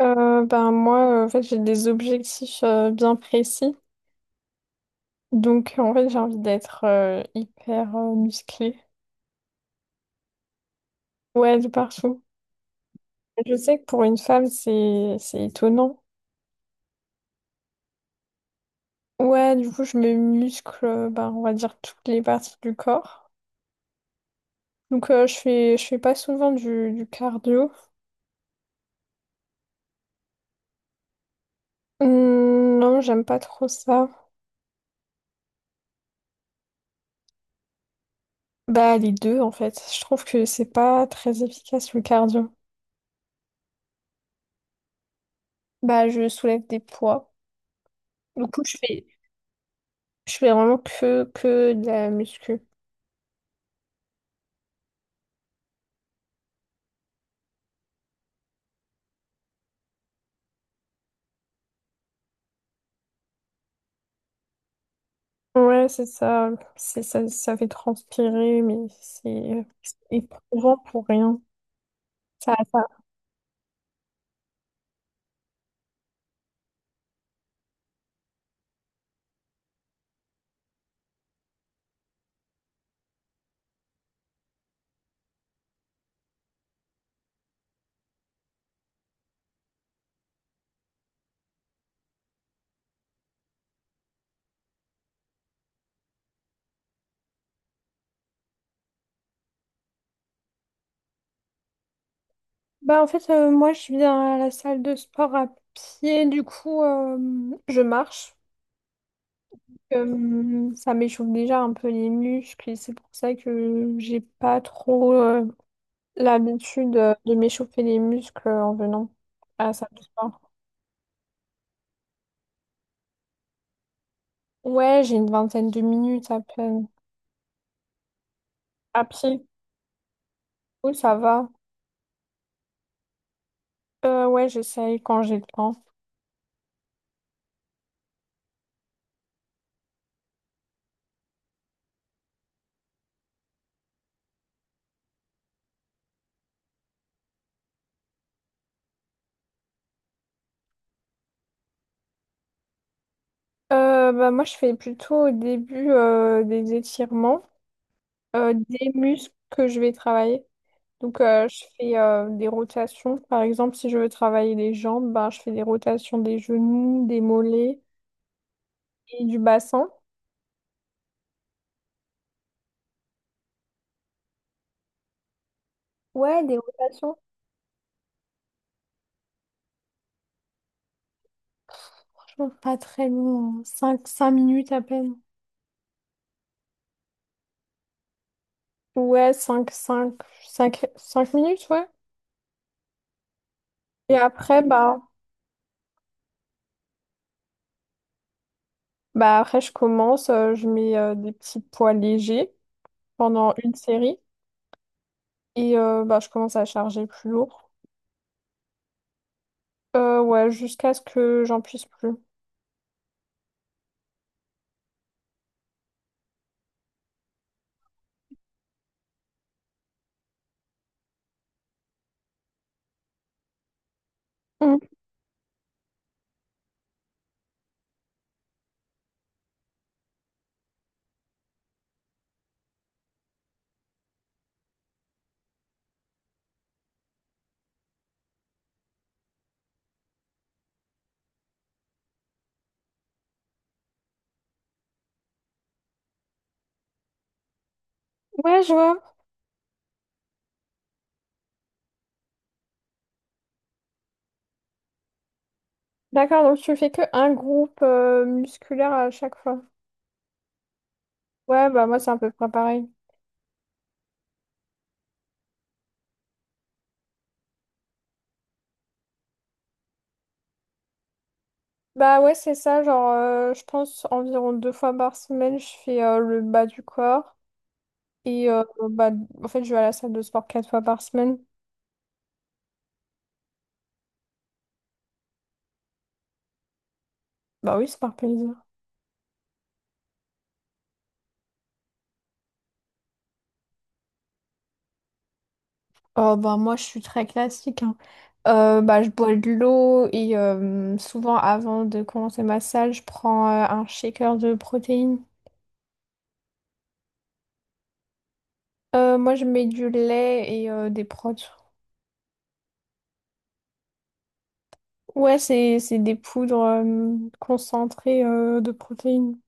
Ben moi, en fait, j'ai des objectifs bien précis. Donc, en fait, j'ai envie d'être hyper musclée. Ouais, de partout. Je sais que pour une femme, c'est étonnant. Ouais, du coup, je me muscle, ben, on va dire, toutes les parties du corps. Donc, je fais pas souvent du cardio. Non, j'aime pas trop ça. Bah, les deux, en fait. Je trouve que c'est pas très efficace, le cardio. Bah, je soulève des poids. Du coup, je fais. Je fais vraiment que de la muscu. Ouais, c'est ça. C'est ça, ça fait transpirer, mais c'est éprouvant pour rien. Ça... Bah, en fait, moi, je viens à la salle de sport à pied. Du coup, je marche. Ça m'échauffe déjà un peu les muscles, et c'est pour ça que j'ai pas trop l'habitude de m'échauffer les muscles en venant à la salle de sport. Ouais, j'ai une vingtaine de minutes à peine. À pied, oui, ça va. Ouais, j'essaye quand j'ai le temps. Bah, moi, je fais plutôt au début des étirements, des muscles que je vais travailler. Donc, je fais des rotations. Par exemple, si je veux travailler les jambes, bah je fais des rotations des genoux, des mollets et du bassin. Ouais, des rotations. Franchement, pas très long. Cinq minutes à peine. Ouais, cinq minutes, ouais. Et après, bah, après, je commence, je mets des petits poids légers pendant une série, et bah, je commence à charger plus lourd. Ouais, jusqu'à ce que j'en puisse plus. Mm. Ouais, je vois. D'accord, donc tu fais que un groupe musculaire à chaque fois. Ouais, bah moi c'est à peu près pareil. Bah ouais, c'est ça, genre je pense environ 2 fois par semaine, je fais le bas du corps. Et bah en fait je vais à la salle de sport 4 fois par semaine. Bah oui, c'est par plaisir. Oh, bah, moi, je suis très classique, hein. Bah, je bois de l'eau et souvent, avant de commencer ma salle, je prends un shaker de protéines. Moi, je mets du lait et des protéines. Ouais, c'est des poudres concentrées de protéines.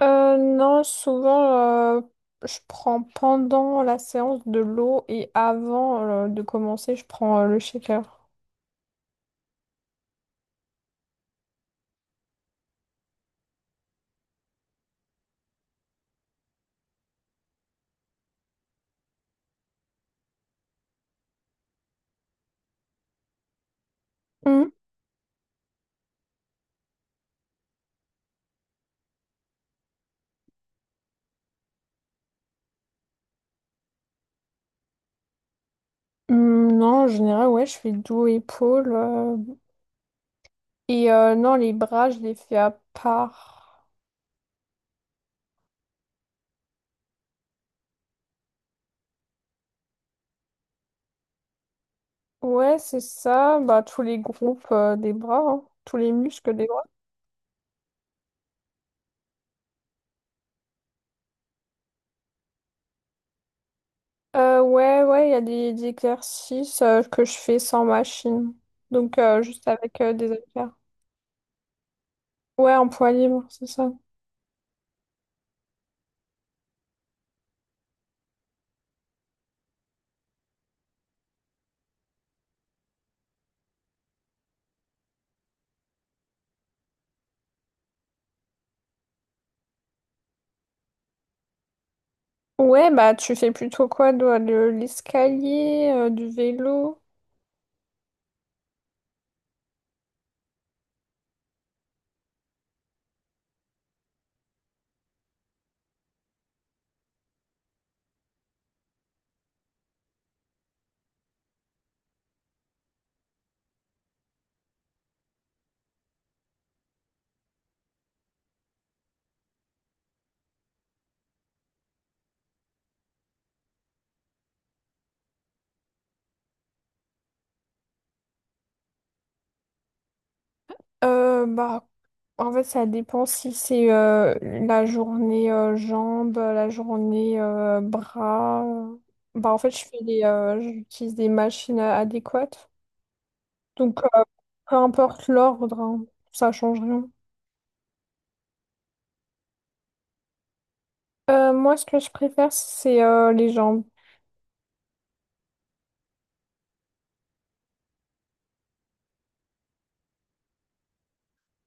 Non, souvent, je prends pendant la séance de l'eau et avant de commencer, je prends le shaker. Hum. Non, en général, ouais, je fais dos, épaules. Et non, les bras, je les fais à part. Ouais, c'est ça. Bah, tous les groupes des bras, hein. Tous les muscles des bras. Ouais, ouais, il y a des exercices que je fais sans machine. Donc, juste avec des haltères. Ouais, en poids libre, c'est ça. Ouais, bah, tu fais plutôt quoi, toi, de l'escalier, du vélo? Bah, en fait, ça dépend si c'est la journée jambes, la journée bras. Bah, en fait, j'utilise des machines adéquates. Donc, peu importe l'ordre, hein, ça change rien. Moi, ce que je préfère, c'est les jambes.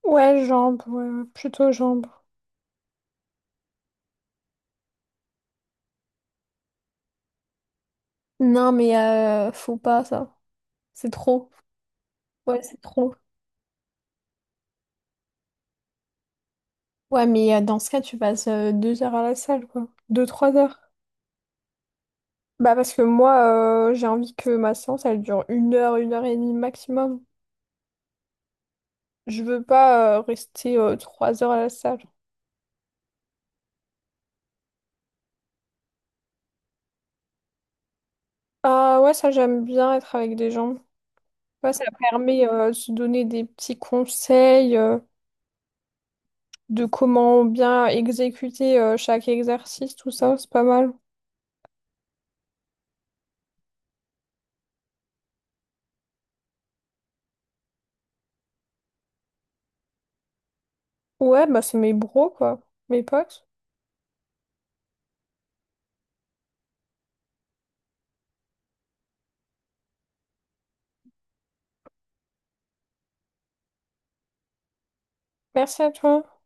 Ouais, jambes, ouais, ouais, plutôt jambes. Non, mais faut pas ça. C'est trop. Ouais, c'est trop. Ouais, mais dans ce cas, tu passes 2 heures à la salle, quoi. 2, 3 heures. Bah parce que moi, j'ai envie que ma séance, elle dure 1 heure, 1 heure et demie maximum. Je veux pas rester 3 heures à la salle. Ah ouais, ça j'aime bien être avec des gens. Ouais, ça permet de se donner des petits conseils de comment bien exécuter chaque exercice, tout ça, c'est pas mal. Ouais, bah c'est mes bros quoi, mes potes. Merci à toi.